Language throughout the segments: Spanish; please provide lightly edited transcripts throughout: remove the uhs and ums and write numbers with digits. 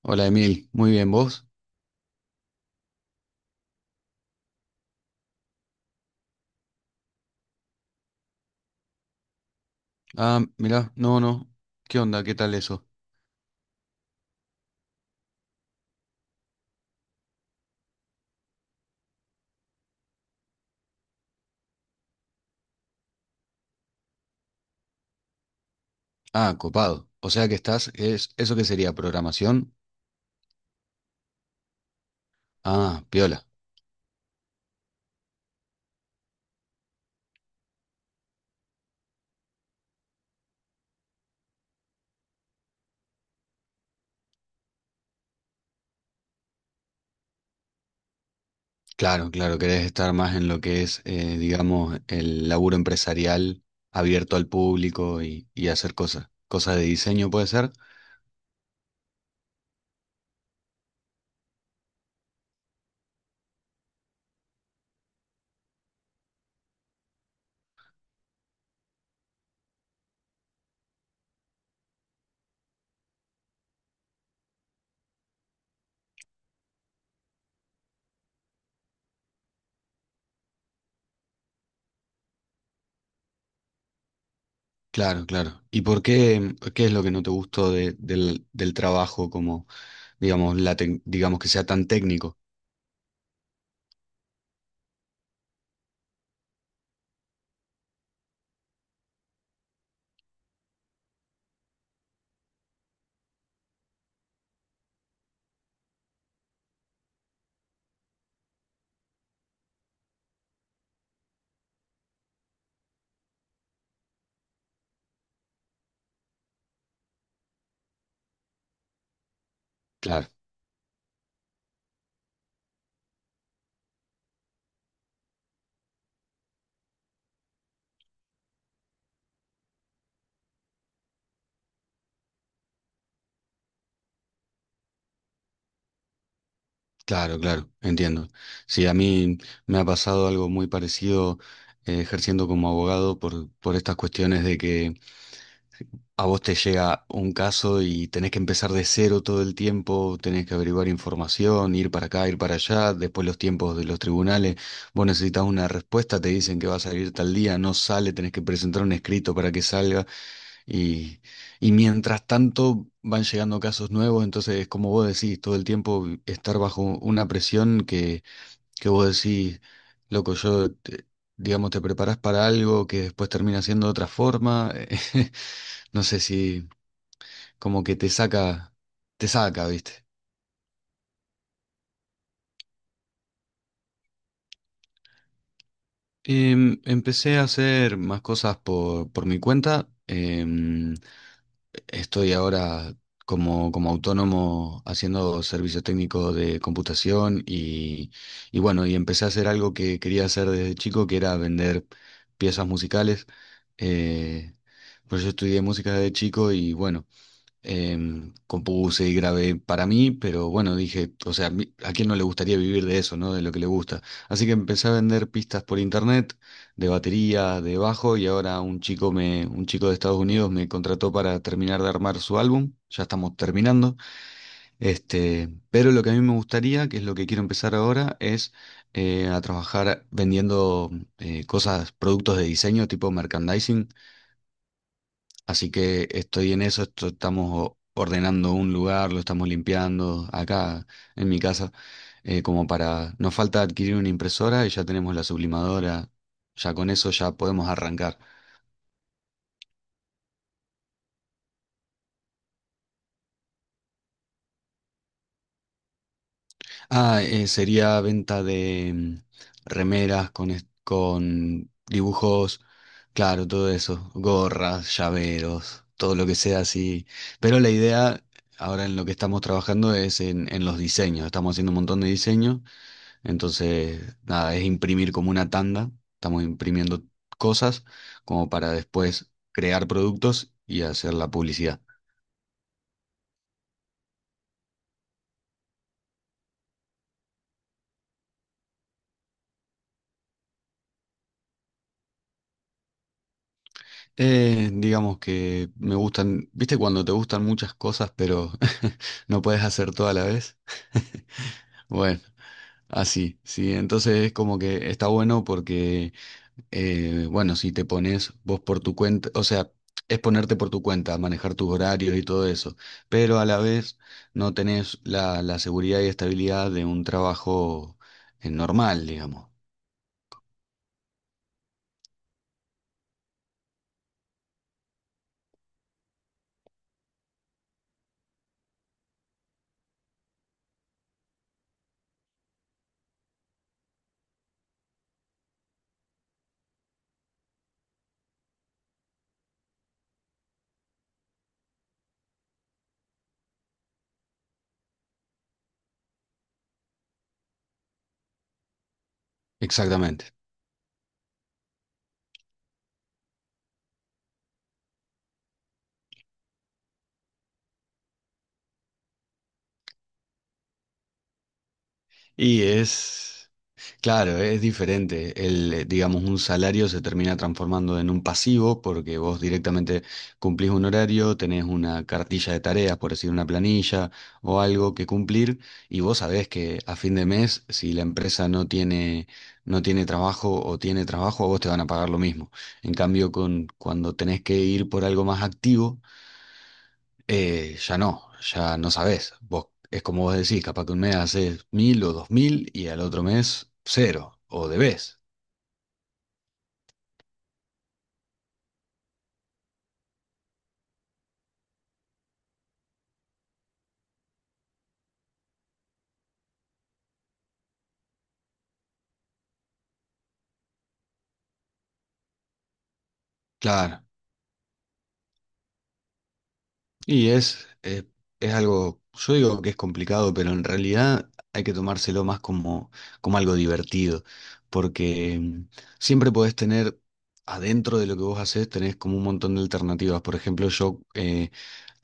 Hola Emil, muy bien, ¿vos? Ah, mirá, no, no. ¿Qué onda? ¿Qué tal eso? Ah, copado. O sea que estás, es, ¿eso qué sería? ¿Programación? Ah, piola. Claro, claro, querés estar más en lo que es, digamos, el laburo empresarial abierto al público y hacer cosas. Cosas de diseño puede ser. Claro, claro. ¿Y por qué, qué es lo que no te gustó del trabajo como, digamos, la digamos que sea tan técnico? Claro. Claro, claro, entiendo. Sí, a mí me ha pasado algo muy parecido ejerciendo como abogado por estas cuestiones de que a vos te llega un caso y tenés que empezar de cero todo el tiempo, tenés que averiguar información, ir para acá, ir para allá, después los tiempos de los tribunales, vos necesitas una respuesta, te dicen que va a salir tal día, no sale, tenés que presentar un escrito para que salga y, y mientras tanto van llegando casos nuevos, entonces como vos decís, todo el tiempo estar bajo una presión que vos decís, loco, yo, digamos, te preparás para algo que después termina siendo de otra forma. No sé si como que te saca, ¿viste? Empecé a hacer más cosas por mi cuenta. Estoy ahora como, como autónomo haciendo servicio técnico de computación y bueno, y empecé a hacer algo que quería hacer desde chico, que era vender piezas musicales. Eh, pues yo estudié música desde chico y bueno, compuse y grabé para mí, pero bueno, dije, o sea, ¿a quién no le gustaría vivir de eso, ¿no? De lo que le gusta. Así que empecé a vender pistas por internet, de batería, de bajo, y ahora un chico me, un chico de Estados Unidos me contrató para terminar de armar su álbum. Ya estamos terminando. Este, pero lo que a mí me gustaría, que es lo que quiero empezar ahora, es a trabajar vendiendo cosas, productos de diseño tipo merchandising. Así que estoy en eso, estamos ordenando un lugar, lo estamos limpiando acá en mi casa, como para... Nos falta adquirir una impresora y ya tenemos la sublimadora, ya con eso ya podemos arrancar. Ah, sería venta de remeras con, con dibujos, claro, todo eso, gorras, llaveros, todo lo que sea así. Pero la idea ahora en lo que estamos trabajando es en los diseños, estamos haciendo un montón de diseños. Entonces, nada, es imprimir como una tanda. Estamos imprimiendo cosas como para después crear productos y hacer la publicidad. Digamos que me gustan, viste cuando te gustan muchas cosas, pero no puedes hacer todo a la vez. Bueno, así, sí. Entonces es como que está bueno porque bueno, si te pones vos por tu cuenta, o sea, es ponerte por tu cuenta, manejar tus horarios y todo eso, pero a la vez no tenés la, la seguridad y estabilidad de un trabajo normal, digamos. Exactamente. Y es, claro, es diferente. El, digamos, un salario se termina transformando en un pasivo porque vos directamente cumplís un horario, tenés una cartilla de tareas, por decir una planilla o algo que cumplir, y vos sabés que a fin de mes, si la empresa no tiene, no tiene trabajo o tiene trabajo, a vos te van a pagar lo mismo. En cambio, con, cuando tenés que ir por algo más activo, ya no, ya no sabés. Vos, es como vos decís, capaz que un mes haces 1000 o 2000 y al otro mes cero, o debés. Claro. Y es algo, yo digo que es complicado, pero en realidad hay que tomárselo más como, como algo divertido, porque siempre podés tener, adentro de lo que vos hacés, tenés como un montón de alternativas. Por ejemplo, yo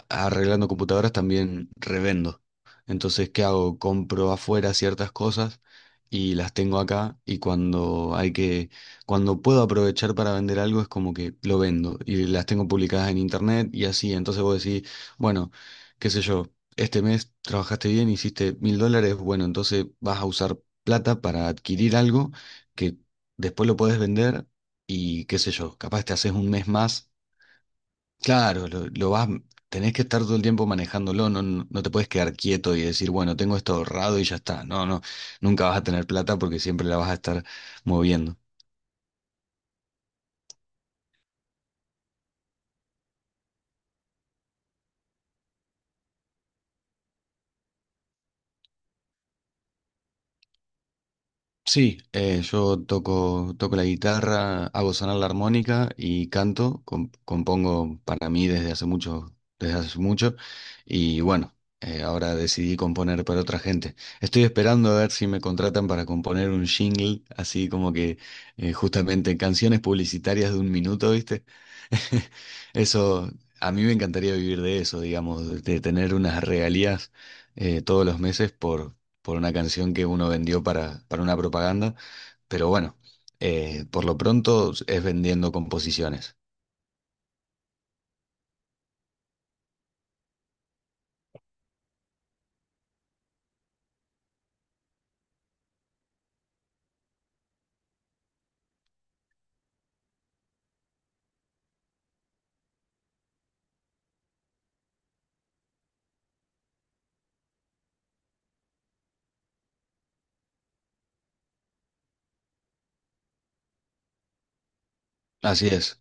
arreglando computadoras también revendo. Entonces, ¿qué hago? Compro afuera ciertas cosas y las tengo acá y cuando hay que, cuando puedo aprovechar para vender algo es como que lo vendo y las tengo publicadas en internet y así. Entonces vos decís, bueno, qué sé yo, este mes trabajaste bien, hiciste 1000 dólares, bueno, entonces vas a usar plata para adquirir algo que después lo podés vender y qué sé yo, capaz te haces un mes más. Claro, lo vas, tenés que estar todo el tiempo manejándolo, no, no, no te puedes quedar quieto y decir, bueno, tengo esto ahorrado y ya está. No, no, nunca vas a tener plata porque siempre la vas a estar moviendo. Sí, yo toco, toco la guitarra, hago sonar la armónica y canto, compongo para mí desde hace mucho, y bueno, ahora decidí componer para otra gente. Estoy esperando a ver si me contratan para componer un jingle, así como que justamente canciones publicitarias de 1 minuto, ¿viste? Eso, a mí me encantaría vivir de eso, digamos, de tener unas regalías todos los meses por una canción que uno vendió para una propaganda, pero bueno, por lo pronto es vendiendo composiciones. Así es.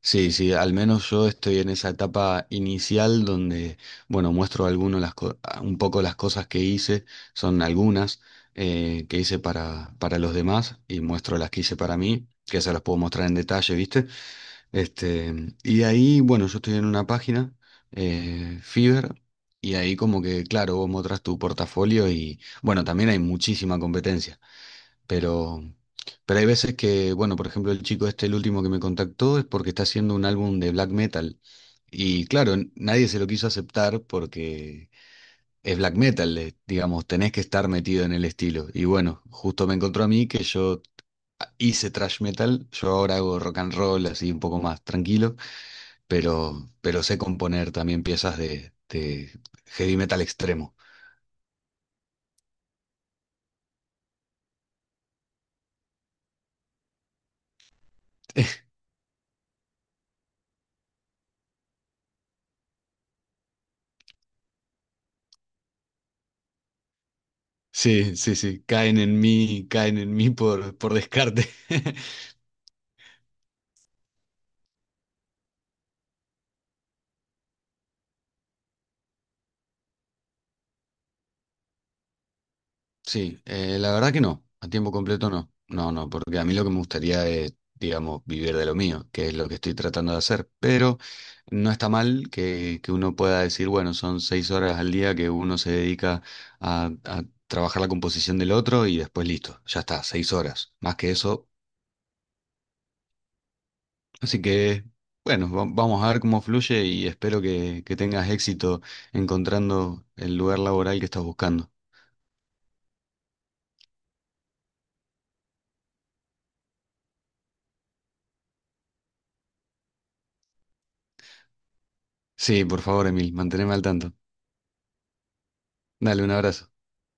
Sí, sí, al menos yo estoy en esa etapa inicial donde, bueno, muestro algunos las ah, un poco las cosas que hice, son algunas que hice para los demás y muestro las que hice para mí, que se las puedo mostrar en detalle, ¿viste? Este, y ahí, bueno, yo estoy en una página, Fiverr, y ahí como que, claro, vos mostras tu portafolio y, bueno, también hay muchísima competencia, pero, pero hay veces que, bueno, por ejemplo, el chico este, el último que me contactó, es porque está haciendo un álbum de black metal. Y claro, nadie se lo quiso aceptar porque es black metal, digamos, tenés que estar metido en el estilo. Y bueno, justo me encontró a mí que yo hice thrash metal, yo ahora hago rock and roll así un poco más tranquilo pero sé componer también piezas de heavy metal extremo. Sí, sí, sí, caen en mí por descarte. Sí, la verdad que no, a tiempo completo no. No, no, porque a mí lo que me gustaría es, digamos, vivir de lo mío, que es lo que estoy tratando de hacer. Pero no está mal que uno pueda decir, bueno, son 6 horas al día que uno se dedica a trabajar la composición del otro y después listo, ya está, 6 horas. Más que eso, así que, bueno, vamos a ver cómo fluye y espero que tengas éxito encontrando el lugar laboral que estás buscando. Sí, por favor, Emil, manteneme al tanto. Dale, un abrazo.